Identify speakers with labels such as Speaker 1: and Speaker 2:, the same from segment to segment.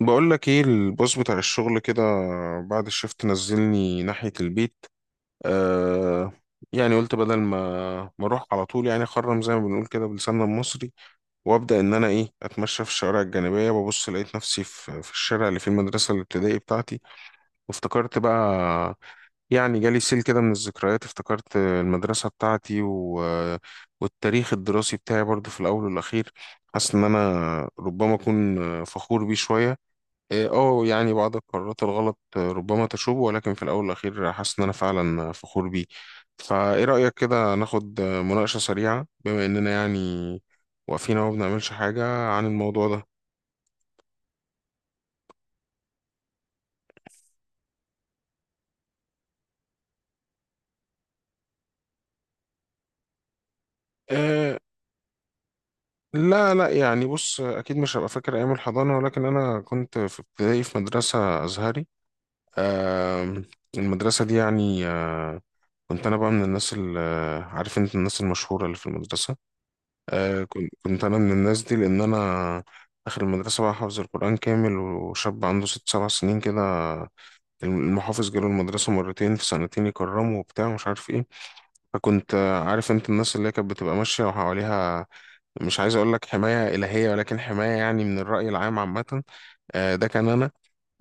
Speaker 1: بقول لك ايه، البوس بتاع الشغل كده بعد الشفت نزلني ناحية البيت. آه يعني قلت بدل ما اروح على طول، يعني اخرم زي ما بنقول كده بلساننا المصري، وابدا ان انا ايه اتمشى في الشوارع الجانبية، ببص لقيت نفسي في الشارع اللي فيه المدرسة الابتدائي بتاعتي، وافتكرت بقى، يعني جالي سيل كده من الذكريات، افتكرت المدرسة بتاعتي والتاريخ الدراسي بتاعي برضو في الاول والاخير. حاسس ان انا ربما اكون فخور بيه شوية. إيه، يعني بعض القرارات الغلط ربما تشوب، ولكن في الاول والاخير حاسس ان انا فعلا فخور بيه. فايه رايك كده ناخد مناقشه سريعه بما اننا يعني واقفين اهو ما بنعملش حاجه عن الموضوع ده؟ أه لا لا، يعني بص اكيد مش هبقى فاكر ايام الحضانه، ولكن انا كنت في ابتدائي في مدرسه ازهري. أه المدرسه دي يعني كنت انا بقى من الناس اللي، عارف انت الناس المشهوره اللي في المدرسه. كنت انا من الناس دي لان انا داخل المدرسه بقى حافظ القران كامل، وشاب عنده 6 7 سنين كده. المحافظ جاله المدرسه مرتين في سنتين يكرمه وبتاع مش عارف ايه. فكنت عارف انت الناس اللي هي كانت بتبقى ماشيه وحواليها، مش عايز اقول لك حمايه الهيه، ولكن حمايه يعني من الراي العام عامه. ده كان انا.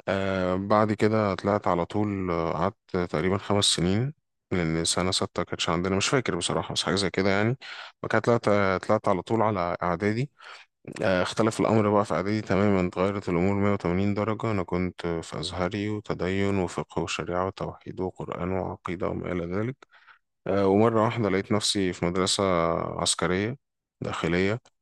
Speaker 1: بعد كده طلعت على طول، قعدت تقريبا 5 سنين، لأن سنة ستة كانتش عندنا، مش فاكر بصراحة، بس حاجة زي كده يعني. وكانت طلعت على طول على إعدادي. اختلف الأمر بقى في إعدادي تماما، اتغيرت الأمور 180 درجة. أنا كنت في أزهري وتدين وفقه وشريعة وتوحيد وقرآن وعقيدة وما إلى ذلك. ومرة واحدة لقيت نفسي في مدرسة عسكرية داخلية.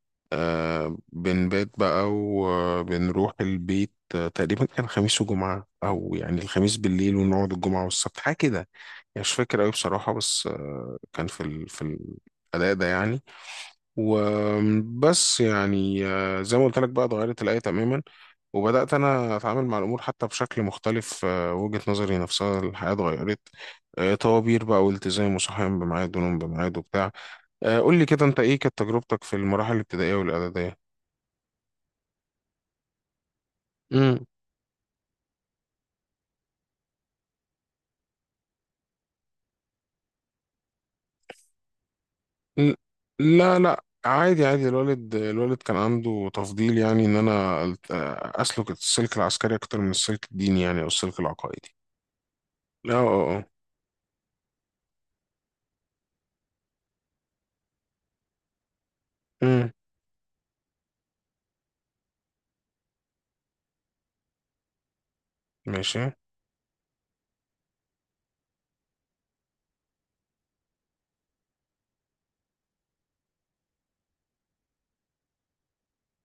Speaker 1: بنبات بقى وبنروح البيت، تقريبا كان خميس وجمعة، أو يعني الخميس بالليل ونقعد الجمعة والسبت حاجة كده، يعني مش فاكر أوي بصراحة، بس كان في في الأداء ده يعني. وبس يعني، زي ما قلت لك بقى اتغيرت الآية تماما، وبدأت أنا أتعامل مع الأمور حتى بشكل مختلف، وجهة نظري نفسها الحياة اتغيرت، طوابير بقى والتزام وصحيان بميعاد ونوم بميعاد وبتاع. قول لي كده أنت إيه كانت تجربتك في المراحل الابتدائية والإعدادية؟ ل- لا لا، عادي عادي. الوالد كان عنده تفضيل، يعني ان انا اسلك السلك العسكري اكتر من السلك الديني، يعني او السلك العقائدي. اه اه اه. أمم، ماشي.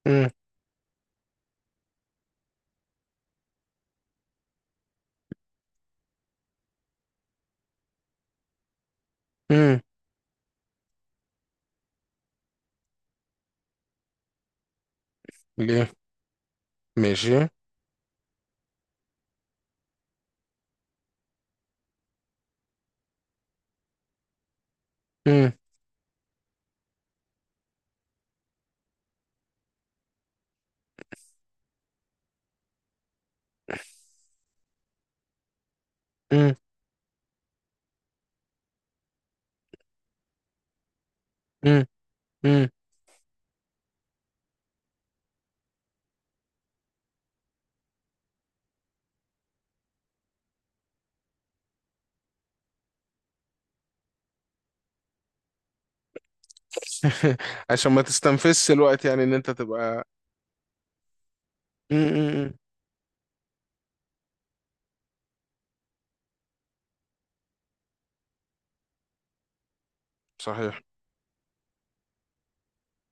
Speaker 1: أمم، أمم، ليه؟ ماشي. أمم، أمم، أمم، أمم. عشان ما تستنفذش الوقت يعني ان انت تبقى. أمم، أمم، أمم. صحيح.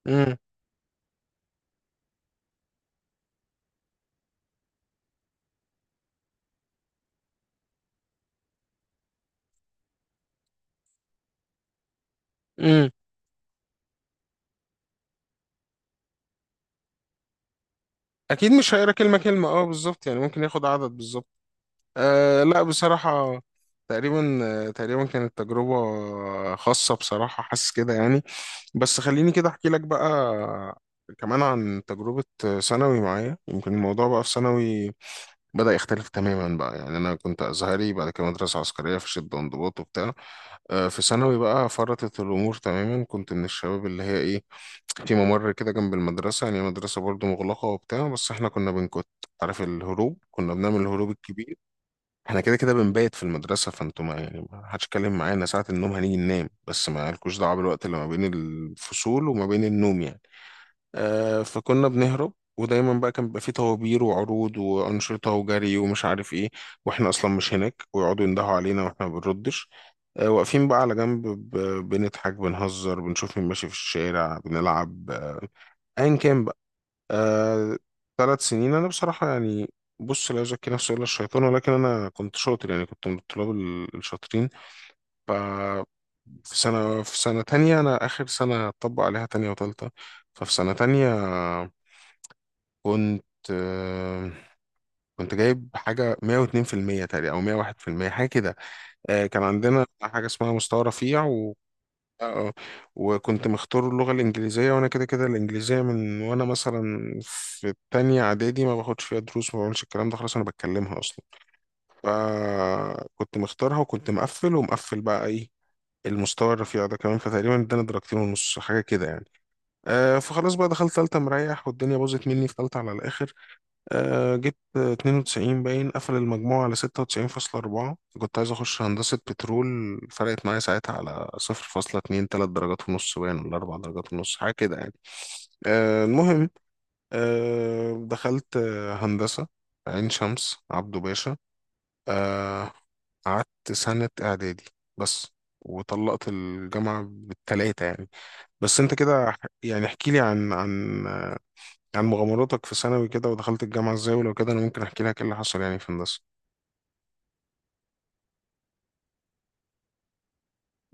Speaker 1: أمم، أمم. اكيد مش هيقرا كلمة كلمة، اه بالظبط يعني ممكن ياخد عدد بالظبط. لا بصراحة تقريبا، تقريبا كانت تجربة خاصة بصراحة، حاسس كده يعني. بس خليني كده أحكي لك بقى كمان عن تجربة ثانوي معايا. يمكن الموضوع بقى في ثانوي بدأ يختلف تماما بقى، يعني أنا كنت أزهري، بعد كده مدرسة عسكرية في شدة وانضباط وبتاع، في ثانوي بقى فرطت الأمور تماما. كنت من الشباب اللي هي إيه في ممر كده جنب المدرسة، يعني مدرسة برضو مغلقة وبتاع، بس إحنا كنا بنكت. عارف الهروب، كنا بنعمل الهروب الكبير. احنا كده كده بنبيت في المدرسة، فانتوا ما يعني ما حدش اتكلم معانا ساعة النوم هنيجي ننام، بس ما لكوش دعوة بالوقت اللي ما بين الفصول وما بين النوم يعني. فكنا بنهرب، ودايما بقى كان بيبقى فيه طوابير وعروض وأنشطة وجري ومش عارف ايه، واحنا أصلا مش هناك، ويقعدوا يندهوا علينا واحنا ما بنردش. واقفين بقى على جنب بنضحك بنهزر بنشوف مين ماشي في الشارع بنلعب، ايا كان بقى. آه، 3 سنين انا بصراحه يعني، بص لا يزكي نفسه الا الشيطان، ولكن انا كنت شاطر، يعني كنت من الطلاب الشاطرين. ف في سنه في سنه تانية، انا اخر سنه اطبق عليها تانية وتالتة. ففي سنه تانية كنت، آه، كنت جايب حاجه 102% تقريبا او 101% حاجه كده، كان عندنا حاجه اسمها مستوى رفيع. اه آه. وكنت مختار اللغة الإنجليزية، وأنا كده كده الإنجليزية من وأنا مثلا في التانية إعدادي ما باخدش فيها دروس، ما بعملش الكلام ده، خلاص أنا بتكلمها أصلا. فكنت مختارها، وكنت مقفل ومقفل بقى إيه المستوى الرفيع ده كمان، فتقريبا اداني درجتين ونص حاجة كده يعني. فخلاص بقى دخلت تالتة مريح، والدنيا باظت مني في تالتة على الآخر. جبت 92 باين، قفل المجموع على 96.4، كنت عايز أخش هندسة بترول، فرقت معايا ساعتها على 0.2 3 درجات ونص باين، ولا 4 درجات ونص حاجة كده يعني. المهم، دخلت هندسة عين شمس عبده باشا، آه، قعدت سنة إعدادي بس، وطلقت الجامعة بالتلاتة يعني. بس أنت كده يعني احكي لي عن عن مغامراتك في ثانوي كده، ودخلت الجامعة ازاي، ولو كده انا ممكن احكي لك ايه اللي حصل يعني في هندسة.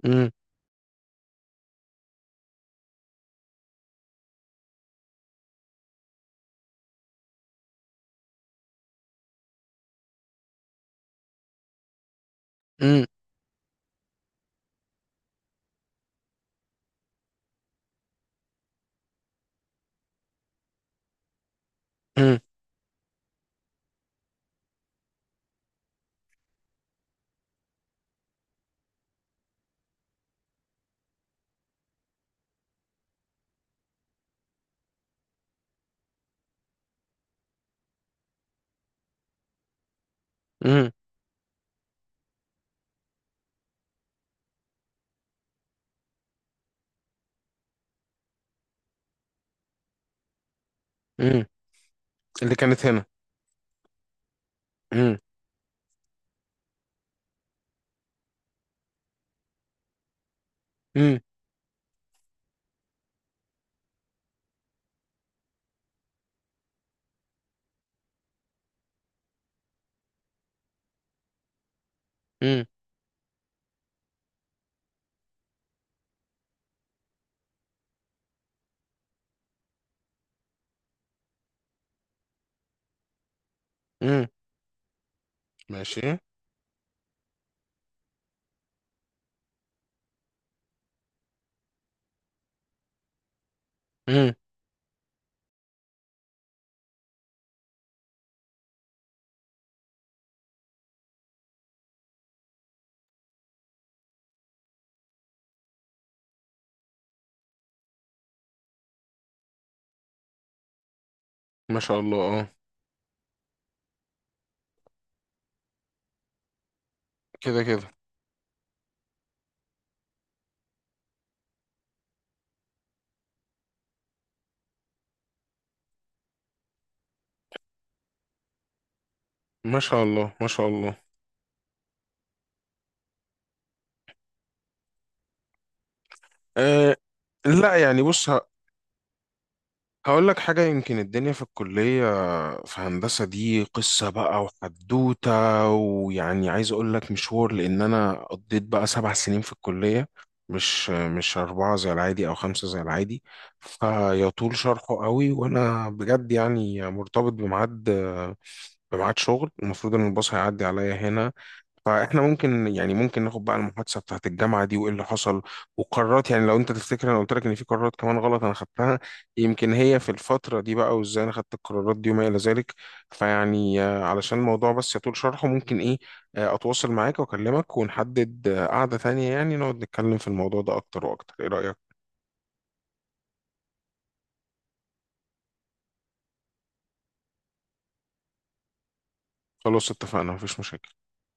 Speaker 1: مم، مم، مم، مم، مم. اللي كانت هنا. مم، مم، مم، مم. ماشي. مم. ما شاء الله اه. كده كده. ما شاء الله ما شاء الله. أه لا، يعني بص هقول لك حاجة، يمكن الدنيا في الكلية في هندسة دي قصة بقى وحدوتة، ويعني عايز أقول لك مشوار، لأن أنا قضيت بقى 7 سنين في الكلية، مش أربعة زي العادي أو خمسة زي العادي. فيطول شرحه قوي، وأنا بجد يعني مرتبط بميعاد شغل المفروض إن الباص هيعدي عليا هنا. فاحنا ممكن يعني ممكن ناخد بقى المحادثه بتاعت الجامعه دي وايه اللي حصل وقرارات، يعني لو انت تفتكر انا قلت لك ان في قرارات كمان غلط انا خدتها، يمكن هي في الفتره دي بقى، وازاي انا خدت القرارات دي وما الى ذلك. فيعني علشان الموضوع بس يطول شرحه، ممكن ايه، اتواصل معاك واكلمك ونحدد قعده ثانيه يعني نقعد نتكلم في الموضوع ده اكتر واكتر، ايه رايك؟ خلاص اتفقنا، مفيش مشاكل.